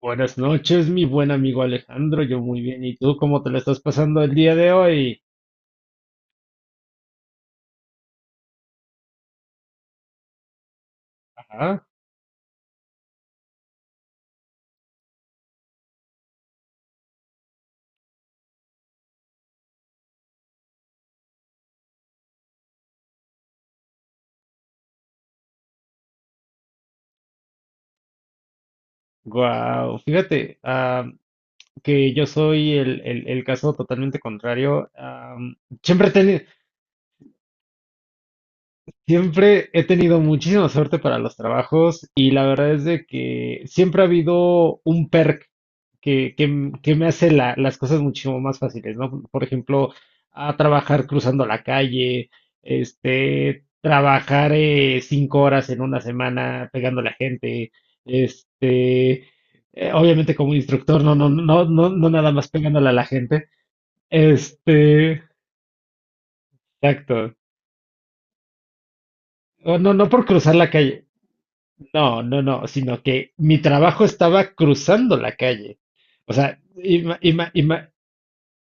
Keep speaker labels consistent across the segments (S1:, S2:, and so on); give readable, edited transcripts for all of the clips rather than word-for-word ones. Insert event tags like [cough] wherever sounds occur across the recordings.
S1: Buenas noches, mi buen amigo Alejandro. Yo muy bien. ¿Y tú cómo te lo estás pasando el día de hoy? Ajá. Guau. Fíjate, que yo soy el caso totalmente contrario. Am, siempre he tenido, Siempre he tenido muchísima suerte para los trabajos, y la verdad es de que siempre ha habido un perk que, que me hace las cosas muchísimo más fáciles, ¿no? Por ejemplo, a trabajar cruzando la calle, trabajar 5 horas en una semana pegando a la gente, este, obviamente como instructor, no, no, no, no, no nada más pegándole a la gente, este, exacto. O No, no por cruzar la calle. No, no, no, sino que mi trabajo estaba cruzando la calle. O sea,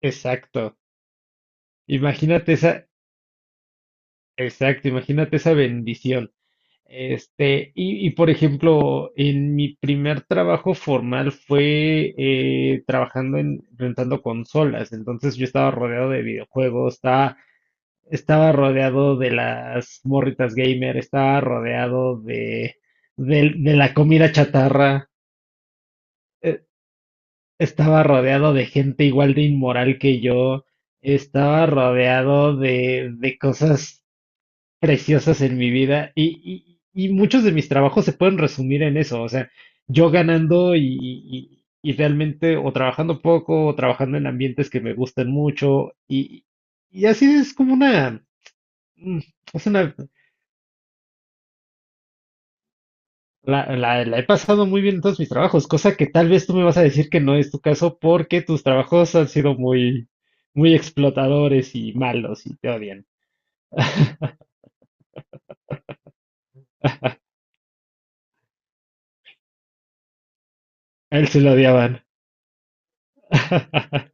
S1: exacto. Imagínate esa, exacto, imagínate esa bendición. Por ejemplo, en mi primer trabajo formal fue trabajando en rentando consolas. Entonces yo estaba rodeado de videojuegos, estaba rodeado de las morritas gamer, estaba rodeado de la comida chatarra. Eh, Estaba rodeado de gente igual de inmoral que yo, estaba rodeado de cosas preciosas en mi vida y muchos de mis trabajos se pueden resumir en eso, o sea, yo ganando y realmente o trabajando poco o trabajando en ambientes que me gustan mucho y así es como una. Mm, es una La, la- la he pasado muy bien en todos mis trabajos, cosa que tal vez tú me vas a decir que no es tu caso porque tus trabajos han sido muy, muy explotadores y malos y te odian. A él se lo odiaban. [laughs]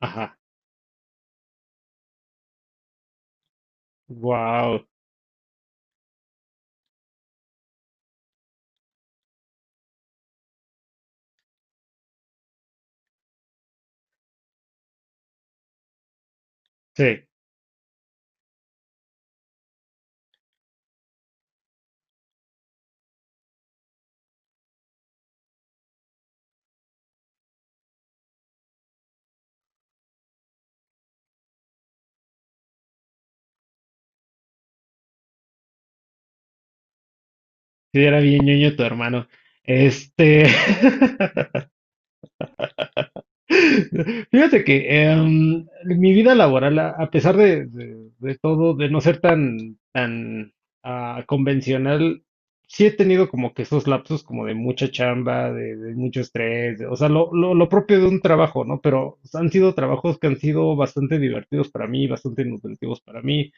S1: Ajá. Wow. Sí, sí, era bien ñoño tu hermano. Este. [laughs] Fíjate que mi vida laboral, a pesar de todo, de no ser tan, tan convencional, sí he tenido como que esos lapsos como de mucha chamba, de- de mucho estrés, o sea, lo propio de un trabajo, ¿no? Pero han sido trabajos que han sido bastante divertidos para mí, bastante nutritivos para mí.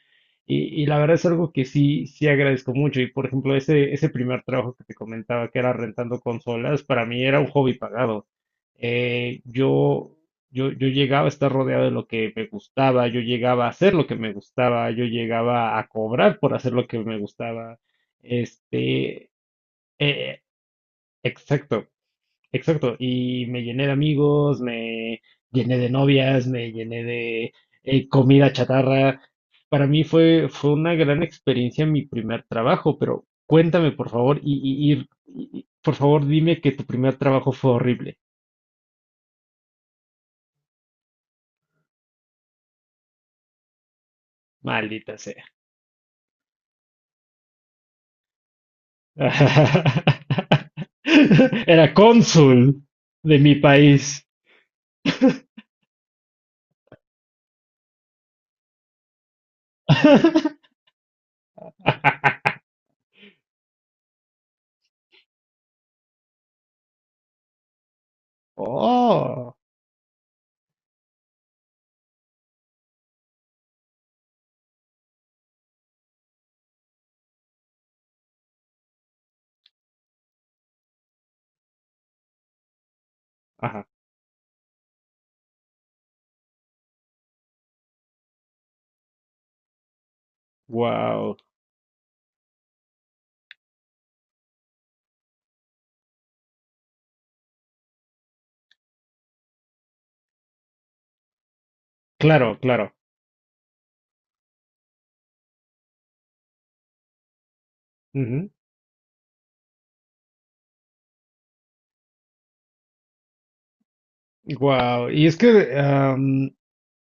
S1: Y la verdad es algo que sí, sí agradezco mucho. Y por ejemplo, ese primer trabajo que te comentaba, que era rentando consolas, para mí era un hobby pagado eh, yo, yo llegaba a estar rodeado de lo que me gustaba, yo llegaba a hacer lo que me gustaba, yo llegaba a cobrar por hacer lo que me gustaba. Este, eh, exacto, exacto. Y me llené de amigos, me llené de novias, me llené de comida chatarra. Para mí fue una gran experiencia mi primer trabajo, pero cuéntame, por favor, por favor, dime que tu primer trabajo fue horrible. Maldita sea. [laughs] Era cónsul de mi país. [laughs] Oh, ajá, wow, claro, claro, ujú, wow. Y es que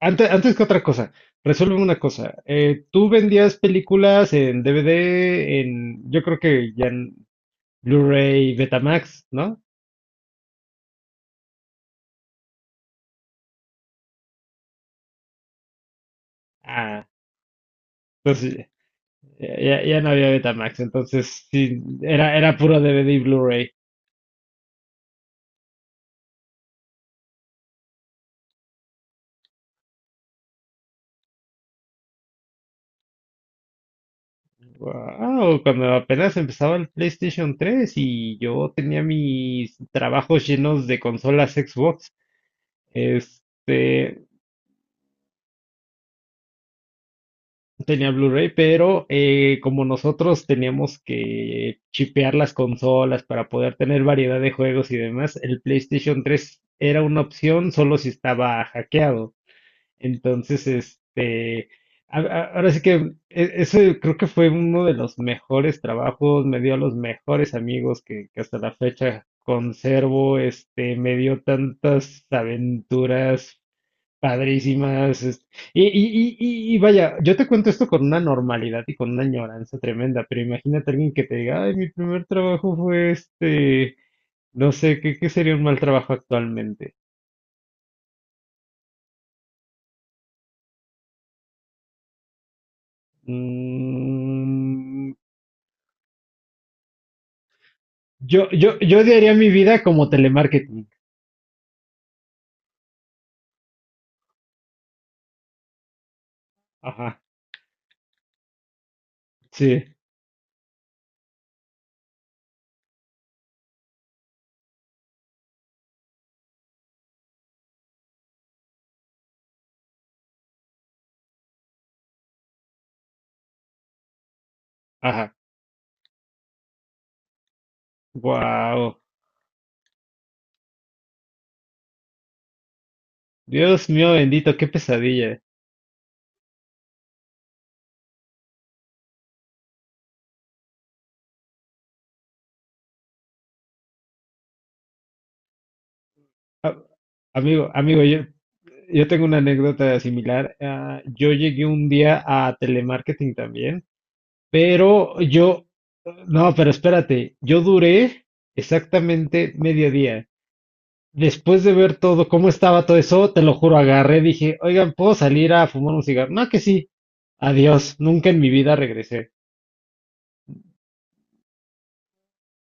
S1: antes que otra cosa, resuelve una cosa. Tú vendías películas en DVD, en yo creo que ya en Blu-ray, Betamax, ¿no? Ah, entonces ya no había Betamax, entonces sí, era puro DVD y Blu-ray. Wow, cuando apenas empezaba el PlayStation 3 y yo tenía mis trabajos llenos de consolas Xbox, este, tenía Blu-ray, pero como nosotros teníamos que chipear las consolas para poder tener variedad de juegos y demás, el PlayStation 3 era una opción solo si estaba hackeado. Entonces, ahora sí que ese creo que fue uno de los mejores trabajos, me dio a los mejores amigos que hasta la fecha conservo, me dio tantas aventuras padrísimas, y vaya, yo te cuento esto con una normalidad y con una añoranza tremenda, pero imagínate alguien que te diga, ay, mi primer trabajo fue este, no sé, ¿qué sería un mal trabajo actualmente? Mm, yo odiaría mi vida como telemarketing. Ajá, sí, ajá. Wow. Dios mío bendito, qué pesadilla. A- Amigo, amigo, yo tengo una anécdota similar. Ah, yo llegué un día a telemarketing también, pero yo, no, pero espérate, yo duré exactamente medio día. Después de ver todo, cómo estaba todo eso, te lo juro, agarré, dije, oigan, ¿puedo salir a fumar un cigarro? No, que sí. Adiós, nunca en mi vida regresé.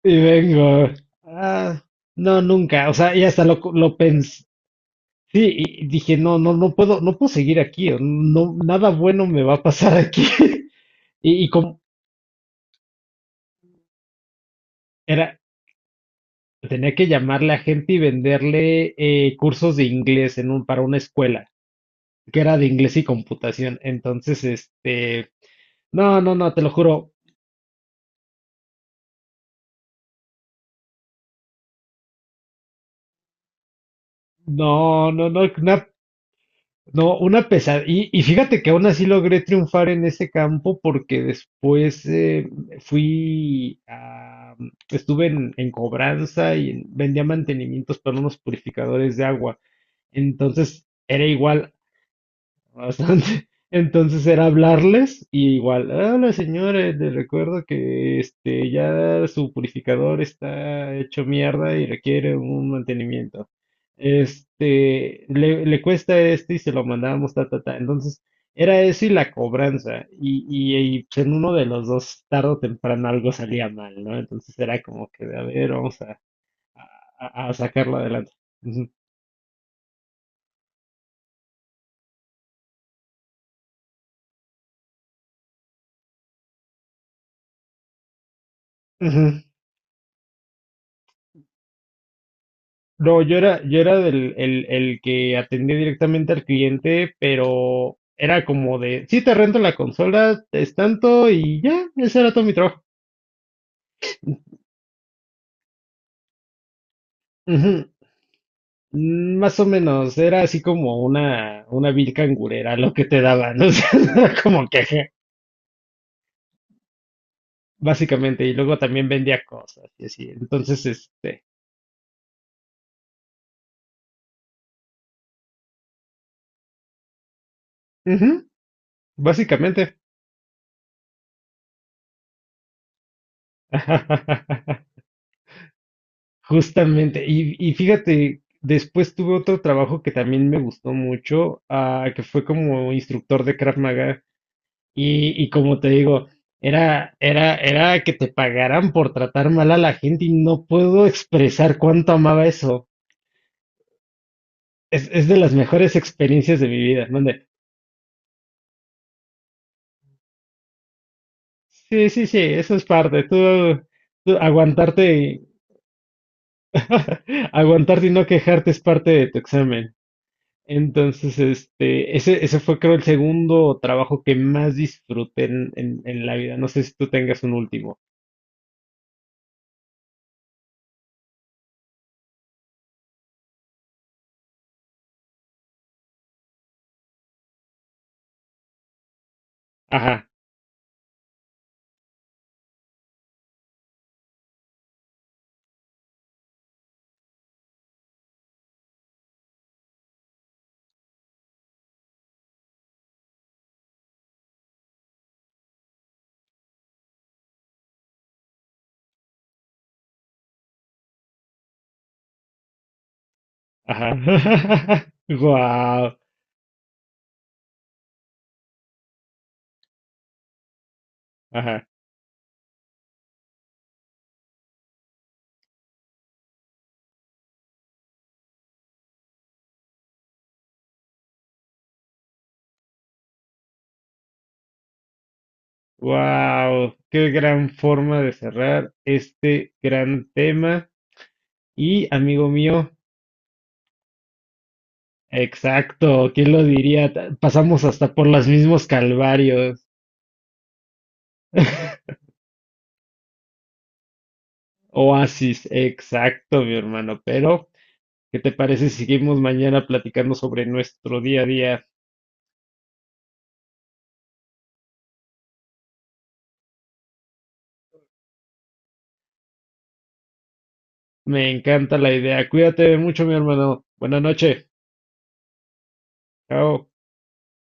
S1: Y vengo, ah, no, nunca, o sea, y hasta lo pensé, sí, y dije, no, no, no puedo, no puedo seguir aquí, o no, nada bueno me va a pasar aquí. [laughs] Y como era, tenía que llamarle a gente y venderle cursos de inglés para una escuela, que era de inglés y computación. Entonces, no, no, no, te lo juro, no, no, no, no, una pesadilla. Y fíjate que aún así logré triunfar en ese campo porque después fui a, estuve en cobranza y vendía mantenimientos para unos purificadores de agua. Entonces era igual. Bastante. [laughs] Entonces era hablarles y igual, hola señores, les recuerdo que ya su purificador está hecho mierda y requiere un mantenimiento. Le cuesta y se lo mandamos, ta, ta, ta. Entonces, era eso y la cobranza. Y pues, en uno de los dos, tarde o temprano, algo salía mal, ¿no? Entonces era como que, a ver, vamos a sacarlo adelante. Ujú. Ujú. No, yo era el que atendía directamente al cliente, pero era como de, sí, te rento la consola, es tanto y ya, ese era todo mi trabajo. Ujú. Más o menos, era así como una vil cangurera lo que te daban, [laughs] o sea, era como que, ajá, básicamente, y luego también vendía cosas y así. Entonces, ujú, básicamente. [laughs] Justamente, y fíjate, después tuve otro trabajo que también me gustó mucho, que fue como instructor de Krav Maga, y como te digo, era que te pagaran por tratar mal a la gente y no puedo expresar cuánto amaba eso. Es de las mejores experiencias de mi vida, donde, sí, sí, sí, eso es parte, tú aguantarte, [laughs] aguantarte y no quejarte es parte de tu examen. Entonces, ese fue creo el segundo trabajo que más disfruté en la vida. No sé si tú tengas un último. Ajá, ajá. [laughs] Wow, ajá. Wow, qué gran forma de cerrar este gran tema. Y amigo mío, exacto, ¿quién lo diría? Pasamos hasta por los mismos calvarios. [laughs] Oasis, exacto, mi hermano. Pero, ¿qué te parece si seguimos mañana platicando sobre nuestro día a día? Me encanta la idea. Cuídate mucho, mi hermano. Buenas noches. Chao.